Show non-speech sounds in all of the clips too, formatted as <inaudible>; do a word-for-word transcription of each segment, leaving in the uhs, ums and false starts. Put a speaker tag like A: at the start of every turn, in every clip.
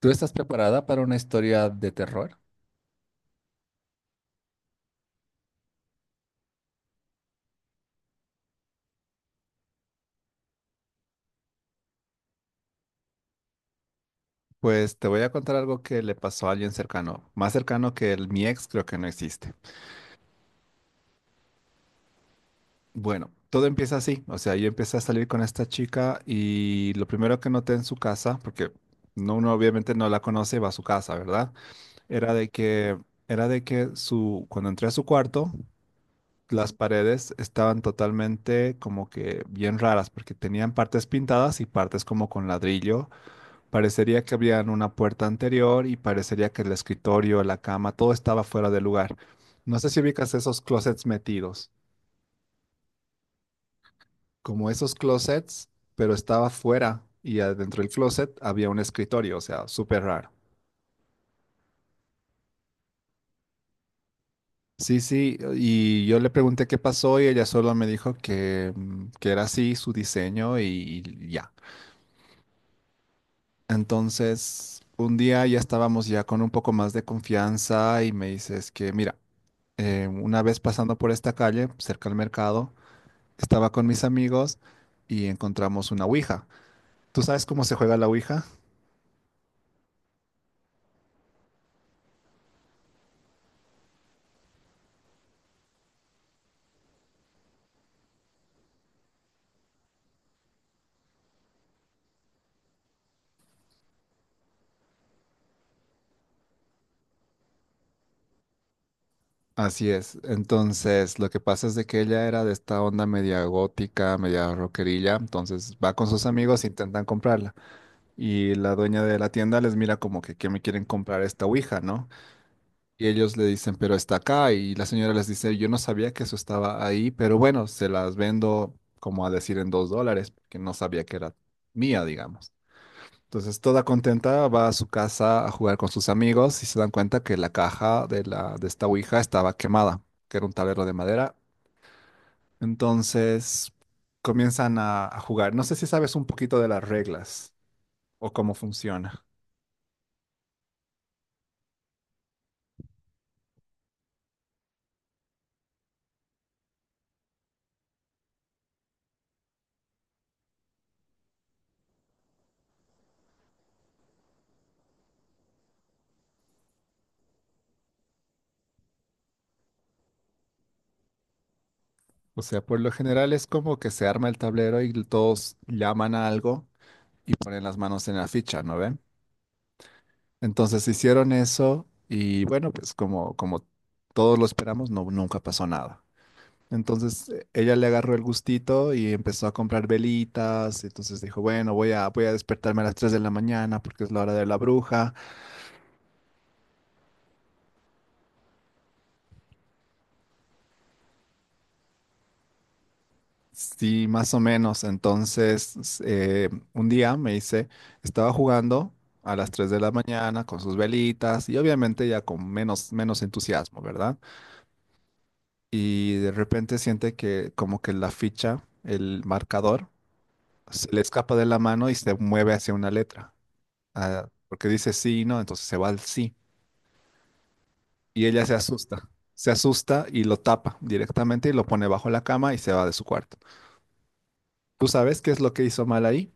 A: ¿Tú estás preparada para una historia de terror? Pues te voy a contar algo que le pasó a alguien cercano, más cercano que el, mi ex creo que no existe. Bueno, todo empieza así, o sea, yo empecé a salir con esta chica y lo primero que noté en su casa, porque no, uno obviamente no la conoce, va a su casa, ¿verdad? Era de que, era de que su, cuando entré a su cuarto, las paredes estaban totalmente como que bien raras, porque tenían partes pintadas y partes como con ladrillo. Parecería que había una puerta anterior y parecería que el escritorio, la cama, todo estaba fuera de lugar. No sé si ubicas esos closets metidos, como esos closets, pero estaba fuera y adentro del closet había un escritorio, o sea, súper raro. Sí, sí, y yo le pregunté qué pasó y ella solo me dijo que, mm, que era así su diseño y, y ya. Entonces, un día ya estábamos ya con un poco más de confianza y me dices que, mira, eh, una vez pasando por esta calle, cerca al mercado, estaba con mis amigos y encontramos una ouija. ¿Tú sabes cómo se juega la ouija? Así es. Entonces, lo que pasa es de que ella era de esta onda media gótica, media rockerilla, entonces va con sus amigos e intentan comprarla. Y la dueña de la tienda les mira como que, ¿qué me quieren comprar esta ouija, no? Y ellos le dicen, pero está acá. Y la señora les dice, yo no sabía que eso estaba ahí, pero bueno, se las vendo como a decir en dos dólares, porque no sabía que era mía, digamos. Entonces, toda contenta, va a su casa a jugar con sus amigos y se dan cuenta que la caja de, la, de esta ouija estaba quemada, que era un tablero de madera. Entonces, comienzan a, a jugar. No sé si sabes un poquito de las reglas o cómo funciona. O sea, por lo general es como que se arma el tablero y todos llaman a algo y ponen las manos en la ficha, ¿no ven? Entonces hicieron eso y bueno, pues como, como todos lo esperamos, no, nunca pasó nada. Entonces eh, ella le agarró el gustito y empezó a comprar velitas, entonces dijo, bueno, voy a, voy a despertarme a las tres de la mañana porque es la hora de la bruja. Sí, más o menos. Entonces s- eh, un día me dice, estaba jugando a las tres de la mañana con sus velitas y obviamente ya con menos, menos entusiasmo, ¿verdad? Y de repente siente que como que la ficha, el marcador, se le escapa de la mano y se mueve hacia una letra. Ah, porque dice sí y no, entonces se va al sí. Y ella se asusta. Se asusta y lo tapa directamente y lo pone bajo la cama y se va de su cuarto. ¿Tú sabes qué es lo que hizo mal ahí?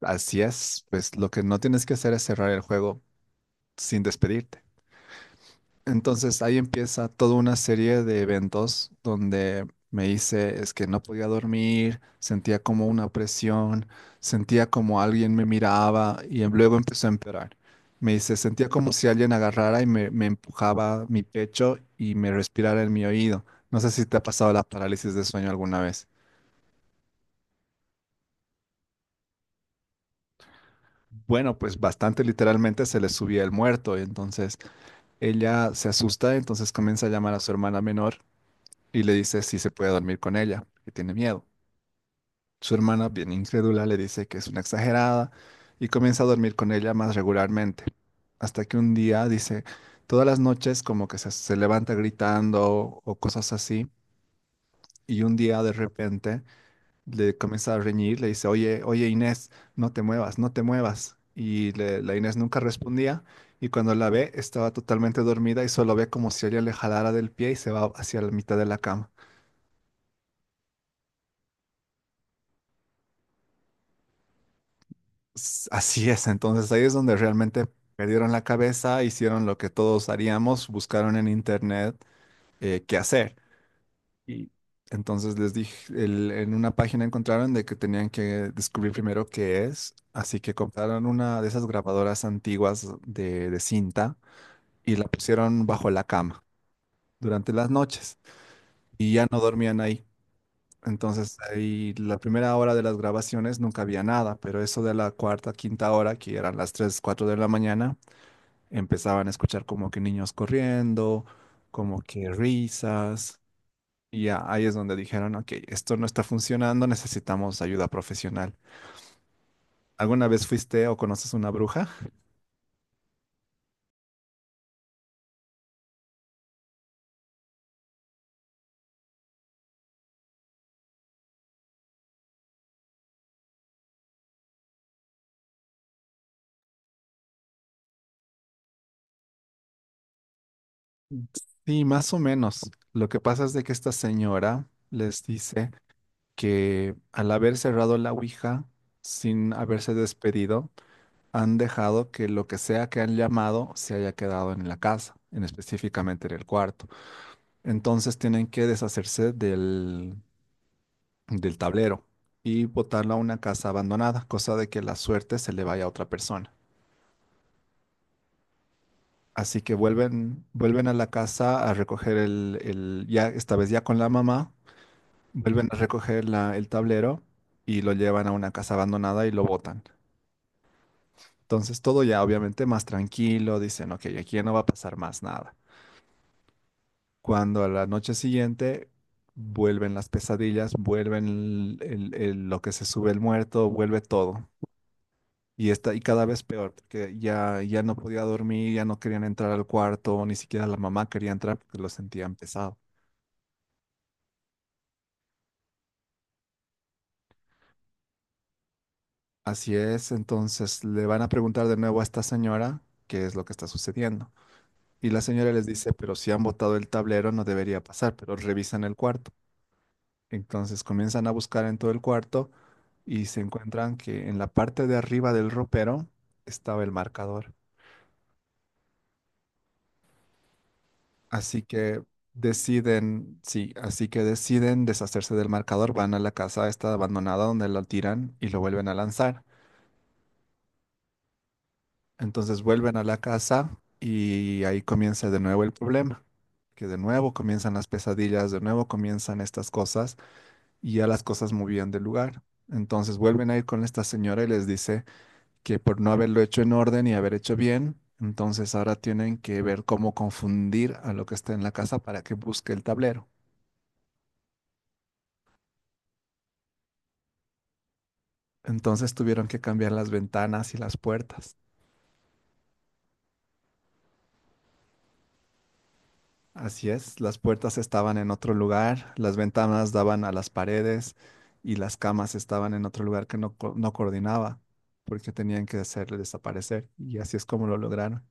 A: Así es, pues lo que no tienes que hacer es cerrar el juego sin despedirte. Entonces ahí empieza toda una serie de eventos donde me hice, es que no podía dormir, sentía como una presión, sentía como alguien me miraba y em- luego empezó a empeorar. Me hice, sentía como si alguien agarrara y me, me empujaba mi pecho y me respirara en mi oído. No sé si te ha pasado la parálisis de sueño alguna vez. Bueno, pues bastante literalmente se le subía el muerto, entonces ella se asusta, entonces comienza a llamar a su hermana menor y le dice si se puede dormir con ella, que tiene miedo. Su hermana, bien incrédula, le dice que es una exagerada y comienza a dormir con ella más regularmente. Hasta que un día dice, todas las noches como que se, se levanta gritando o cosas así, y un día de repente le comienza a reñir, le dice, oye, oye Inés, no te muevas, no te muevas. Y le- la Inés nunca respondía y cuando la ve estaba totalmente dormida y solo ve como si ella le jalara del pie y se va hacia la mitad de la cama. S- Así es, entonces ahí es donde realmente perdieron la cabeza, hicieron lo que todos haríamos, buscaron en internet eh, qué hacer. Y entonces les dije, el- en una página encontraron de que tenían que descubrir primero qué es, así que compraron una de esas grabadoras antiguas de, de cinta y la pusieron bajo la cama durante las noches y ya no dormían ahí. Entonces, ahí la primera hora de las grabaciones nunca había nada, pero eso de la cuarta, quinta hora, que eran las tres cuatro de la mañana, empezaban a escuchar como que niños corriendo, como que risas, y ya ahí es donde dijeron, ok, esto no está funcionando, necesitamos ayuda profesional. ¿Alguna vez fuiste o conoces una bruja? <laughs> Sí, más o menos. Lo que pasa es de que esta señora les dice que al haber cerrado la Ouija, sin haberse despedido, han dejado que lo que sea que han llamado se haya quedado en la casa, en específicamente en el cuarto. Entonces tienen que deshacerse del, del tablero y botarlo a una casa abandonada, cosa de que la suerte se le vaya a otra persona. Así que vuelven, vuelven a la casa a recoger el, el- ya esta vez ya con la mamá, vuelven a recoger la- el tablero y lo llevan a una casa abandonada y lo botan. Entonces todo ya obviamente más tranquilo, dicen, ok, aquí ya no va a pasar más nada. Cuando a la noche siguiente vuelven las pesadillas, vuelven el- el- el- lo que se sube el muerto, vuelve todo. Y está, y cada vez peor, porque ya, ya no podía dormir, ya no querían entrar al cuarto, ni siquiera la mamá quería entrar porque lo sentían pesado. Así es, entonces le van a preguntar de nuevo a esta señora qué es lo que está sucediendo. Y la señora les dice, pero si han botado el tablero no debería pasar, pero revisan el cuarto. Entonces comienzan a buscar en todo el cuarto y se encuentran que en la parte de arriba del ropero estaba el marcador. Así que deciden, sí, así que deciden deshacerse del marcador, van a la casa esta abandonada donde lo tiran y lo vuelven a lanzar. Entonces vuelven a la casa y ahí comienza de nuevo el problema, que de nuevo comienzan las pesadillas, de nuevo comienzan estas cosas y ya las cosas movían de lugar. Entonces vuelven a ir con esta señora y les dice que por no haberlo hecho en orden y haber hecho bien, entonces ahora tienen que ver cómo confundir a lo que está en la casa para que busque el tablero. Entonces tuvieron que cambiar las ventanas y las puertas. Así es, las puertas estaban en otro lugar, las ventanas daban a las paredes y las camas estaban en otro lugar que no, co- no coordinaba porque tenían que hacerle desaparecer y así es como lo lograron.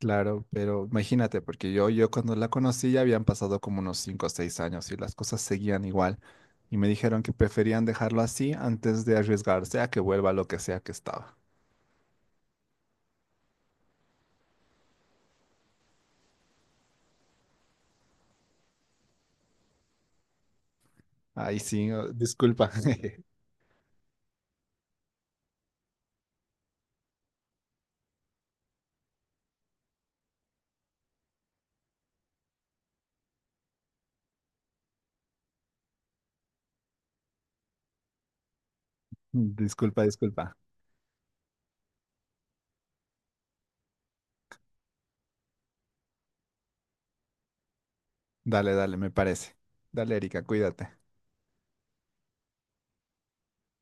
A: Claro, pero imagínate, porque yo, yo cuando la conocí ya habían pasado como unos cinco o seis años y las cosas seguían igual y me dijeron que preferían dejarlo así antes de arriesgarse a que vuelva lo que sea que estaba. Ahí sí, oh, disculpa. <laughs> Disculpa, disculpa. Dale, dale, me parece. Dale, Erika, cuídate.